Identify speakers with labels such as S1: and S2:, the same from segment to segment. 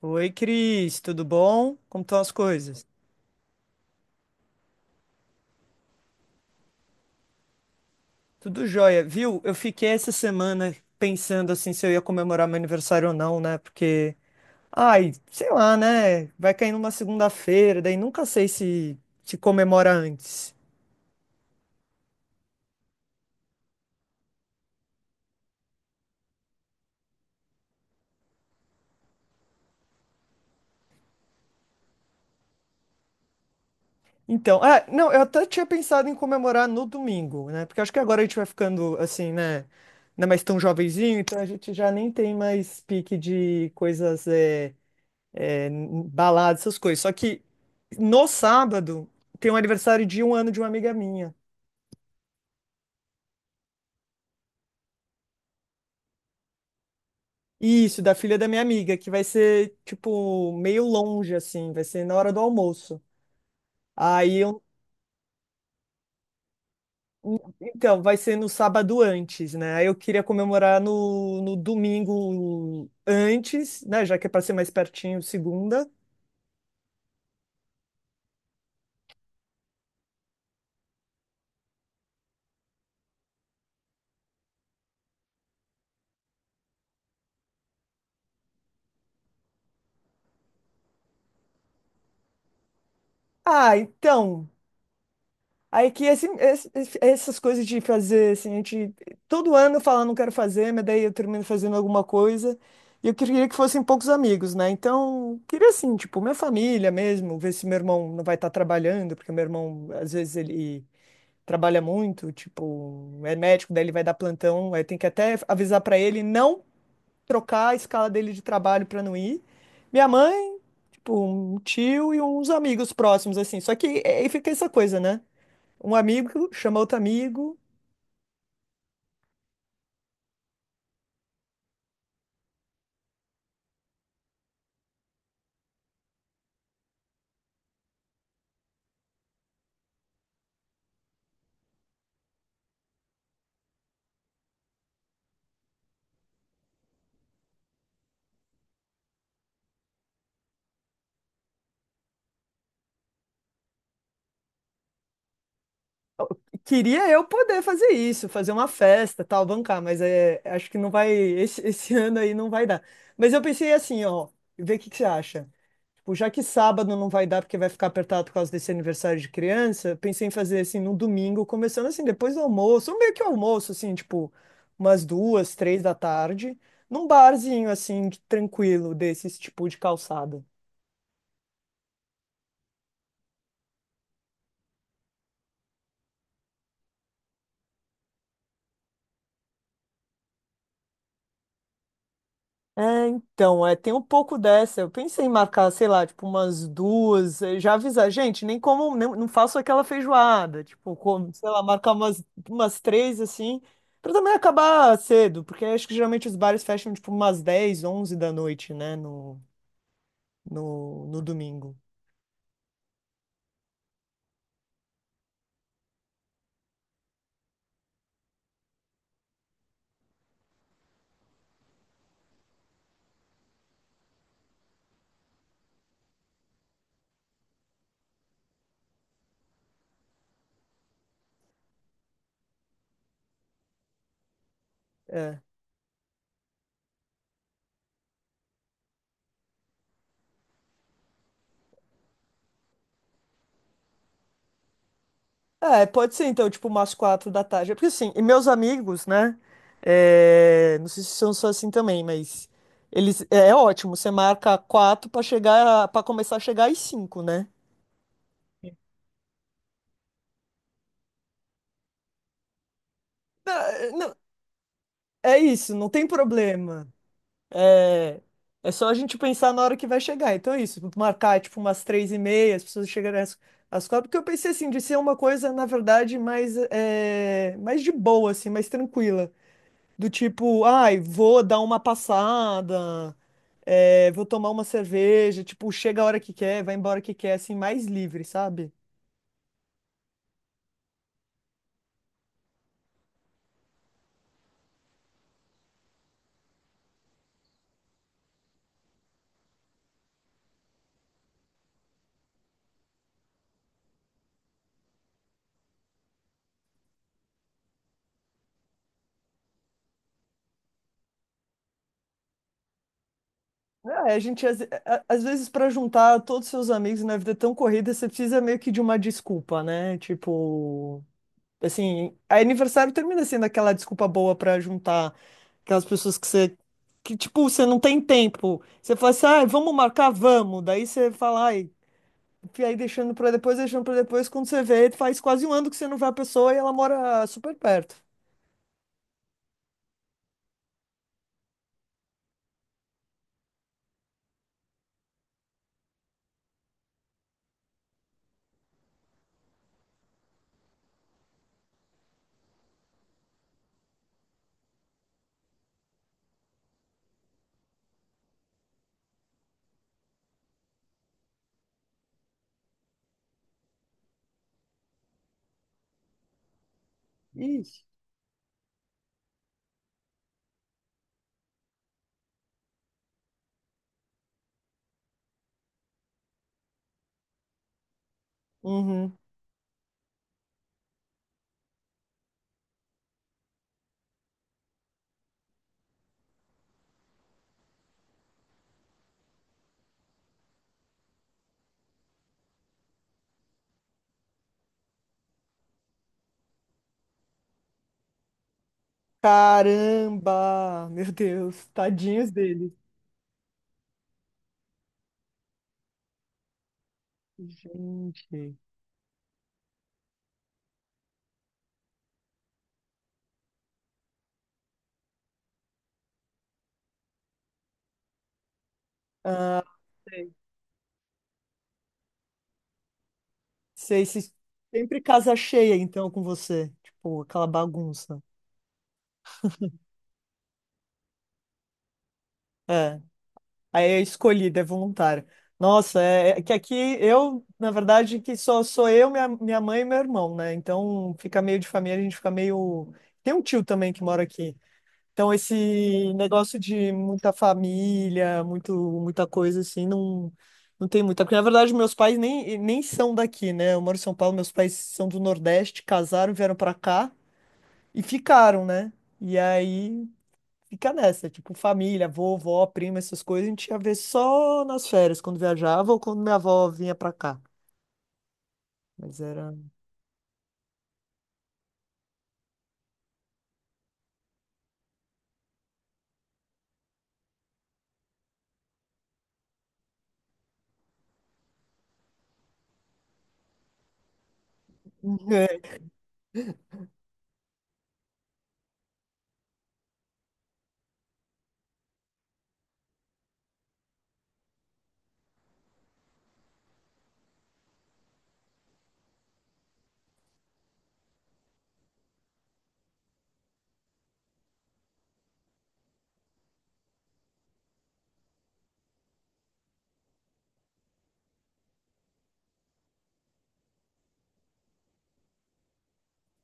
S1: Oi, Cris, tudo bom? Como estão as coisas? Tudo jóia, viu? Eu fiquei essa semana pensando assim se eu ia comemorar meu aniversário ou não, né? Porque, ai, sei lá, né? Vai cair numa segunda-feira, daí nunca sei se comemora antes. Então, ah, não, eu até tinha pensado em comemorar no domingo, né? Porque acho que agora a gente vai ficando assim, né? Não é mais tão jovenzinho, então a gente já nem tem mais pique de coisas. É, Balada, essas coisas. Só que no sábado tem um aniversário de um ano de uma amiga minha. Isso, da filha da minha amiga, que vai ser, tipo, meio longe, assim, vai ser na hora do almoço. Aí eu. Então, vai ser no sábado antes, né? Aí eu queria comemorar no domingo antes, né? Já que é para ser mais pertinho, segunda. Ah, então. Aí que essas coisas de fazer, assim, a gente todo ano fala não quero fazer, mas daí eu termino fazendo alguma coisa. E eu queria que fossem poucos amigos, né? Então, queria assim, tipo, minha família mesmo, ver se meu irmão não vai estar trabalhando, porque meu irmão, às vezes, ele trabalha muito, tipo, é médico, daí ele vai dar plantão, aí tem que até avisar pra ele não trocar a escala dele de trabalho pra não ir. Minha mãe, tipo, um tio e uns amigos próximos, assim. Só que é, aí fica essa coisa, né? Um amigo chama outro amigo. Queria eu poder fazer isso, fazer uma festa, tal, bancar, mas é, acho que não vai, esse ano aí não vai dar. Mas eu pensei assim, ó, vê o que que você acha. Tipo, já que sábado não vai dar porque vai ficar apertado por causa desse aniversário de criança, eu pensei em fazer assim no domingo, começando assim depois do almoço, ou meio que almoço, assim, tipo, umas duas, três da tarde, num barzinho assim, tranquilo, desses tipo de calçada. É, então, é, tem um pouco dessa. Eu pensei em marcar, sei lá, tipo, umas duas, já avisar, gente, nem como, não faço aquela feijoada, tipo, como, sei lá, marcar umas três, assim, pra também acabar cedo, porque acho que geralmente os bares fecham, tipo, umas 10 11 da noite, né, no domingo. É. É, pode ser então, tipo, umas quatro da tarde. É. Porque assim, e meus amigos, né? Não sei se são só assim também, mas eles, é ótimo. Você marca quatro pra chegar, para começar a chegar às cinco, né? Não, não, é isso, não tem problema. É, é só a gente pensar na hora que vai chegar. Então é isso, marcar tipo umas três e meia, as pessoas chegarem às quatro. Porque eu pensei assim de ser uma coisa, na verdade, mais mais de boa, assim, mais tranquila. Do tipo, ai, vou dar uma passada, vou tomar uma cerveja, tipo, chega a hora que quer, vai embora que quer, assim, mais livre, sabe? É, a gente, às vezes, para juntar todos os seus amigos na vida tão corrida, você precisa meio que de uma desculpa, né? Tipo, assim, aniversário termina sendo aquela desculpa boa para juntar aquelas pessoas que você, que, tipo, você não tem tempo. Você fala assim, ai, vamos marcar, vamos. Daí você fala, ai. Que aí deixando pra depois, quando você vê, faz quase um ano que você não vê a pessoa e ela mora super perto. Ixi. Uhum. Caramba! Meu Deus, tadinhos dele. Gente. Sei. Sei, sempre casa cheia, então, com você. Tipo, aquela bagunça. É. Aí é escolhida, é voluntária. Nossa, é que aqui eu, na verdade, que só sou eu, minha mãe e meu irmão, né? Então fica meio de família, a gente fica meio. Tem um tio também que mora aqui. Então, esse negócio de muita família, muito, muita coisa assim, não tem muita. Porque, na verdade, meus pais nem são daqui, né? Eu moro em São Paulo, meus pais são do Nordeste, casaram, vieram pra cá e ficaram, né? E aí fica nessa, tipo, família, avô, vó, prima, essas coisas, a gente ia ver só nas férias, quando viajava ou quando minha avó vinha pra cá. Mas era. É.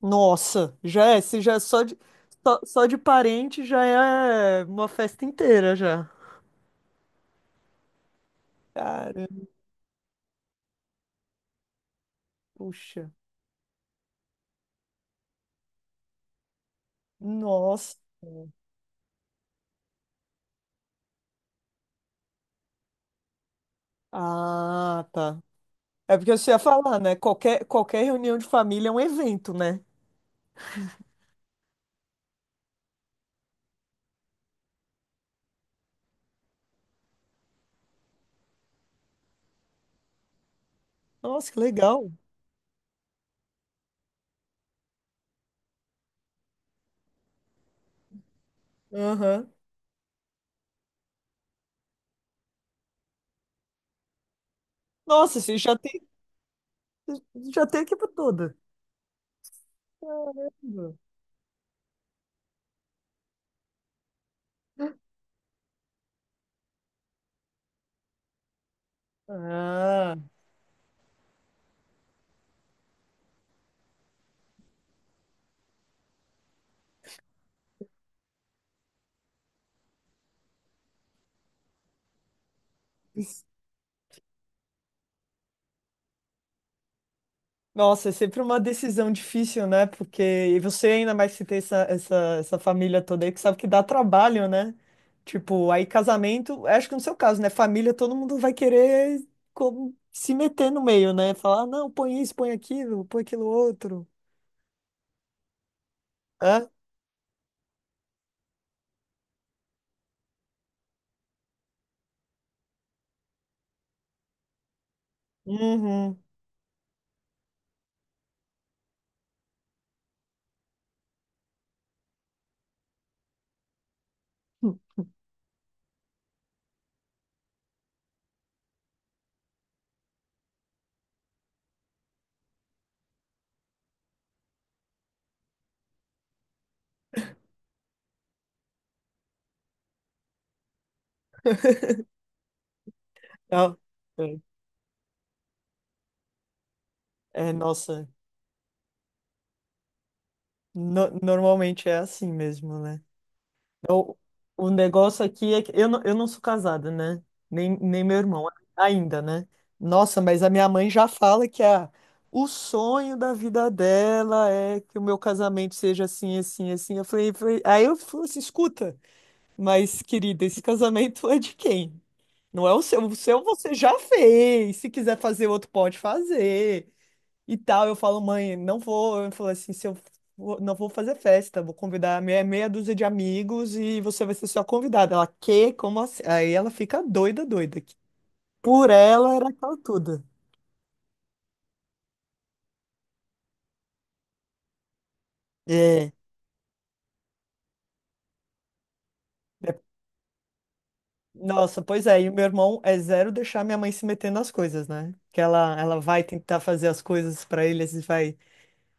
S1: Nossa, já é, se já é só de parente, já é uma festa inteira já. Cara. Puxa. Nossa. Ah, tá. É porque você ia falar, né? Qualquer reunião de família é um evento, né? Nossa, que legal. Aham. Nossa, você já tem a equipe toda. Caramba. Ah. Nossa, é sempre uma decisão difícil, né? Porque e você ainda mais se tem essa família toda aí que sabe que dá trabalho, né? Tipo, aí casamento, acho que no seu caso, né? Família, todo mundo vai querer como, se meter no meio, né? Falar, "Ah, não, põe isso, põe aquilo outro." Hã? Uhum. Ah. É, nossa, no- normalmente é assim mesmo, né? O, o negócio aqui é que eu não sou casada, né? Nem meu irmão ainda, né? Nossa, mas a minha mãe já fala que o sonho da vida dela é que o meu casamento seja assim, assim, assim. Eu falei, aí eu falei assim, escuta, mas querida, esse casamento é de quem? Não é o seu. O seu você já fez. Se quiser fazer outro, pode fazer e tal. Eu falo, mãe, não vou. Eu falo assim, se eu for- não vou fazer festa, vou convidar meia dúzia de amigos e você vai ser só convidada. Ela, que? Como assim? Aí ela fica doida, doida. Que por ela era aquela tudo. É. É. Nossa, pois é, e o meu irmão é zero deixar minha mãe se meter nas coisas, né? Que ela vai tentar fazer as coisas pra ele, ele vai.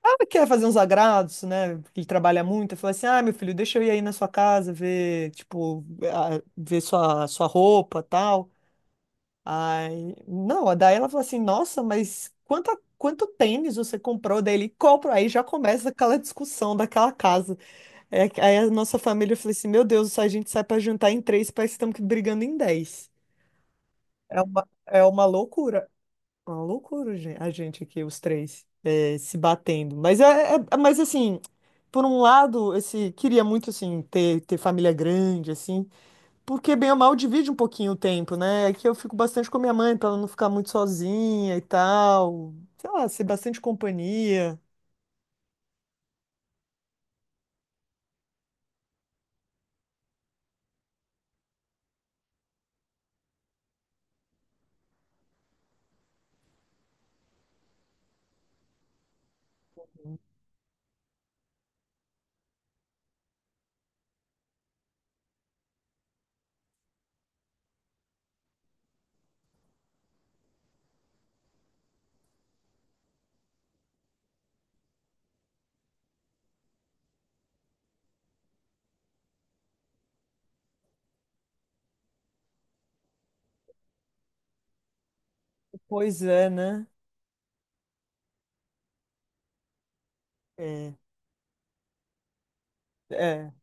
S1: Ela quer fazer uns agrados, né? Porque ele trabalha muito. Eu falo assim: ah, meu filho, deixa eu ir aí na sua casa ver, tipo, ver sua roupa tal. Ai, não, daí ela falou assim, nossa, mas quanta, quanto tênis você comprou dele? Compro, aí já começa aquela discussão daquela casa. É, aí a nossa família falou assim, meu Deus, a gente sai pra jantar em três, parece que estamos brigando em dez. É uma loucura, a gente aqui, os três, é, se batendo. Mas mas assim, por um lado, esse, queria muito, assim, ter família grande, assim, porque bem ou mal divide um pouquinho o tempo, né? É que eu fico bastante com a minha mãe, pra ela não ficar muito sozinha e tal. Sei lá, ser bastante companhia. Pois é, né? É, é,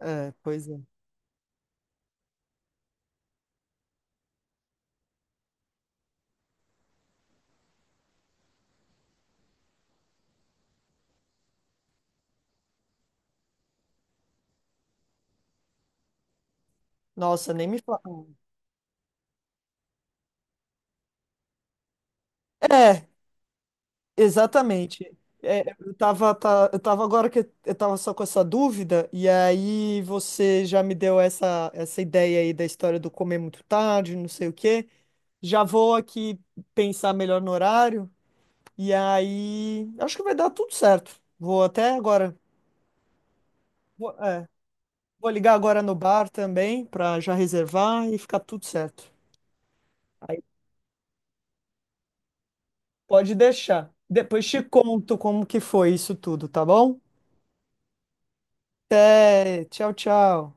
S1: é, pois é. Nossa, nem me fala. É, exatamente. É, eu tava, eu tava agora que eu tava só com essa dúvida, e aí você já me deu essa ideia aí da história do comer muito tarde, não sei o quê. Já vou aqui pensar melhor no horário. E aí, acho que vai dar tudo certo. Vou até agora. Vou, é, vou ligar agora no bar também para já reservar e ficar tudo certo. Aí pode deixar. Depois te conto como que foi isso tudo, tá bom? Até, tchau, tchau.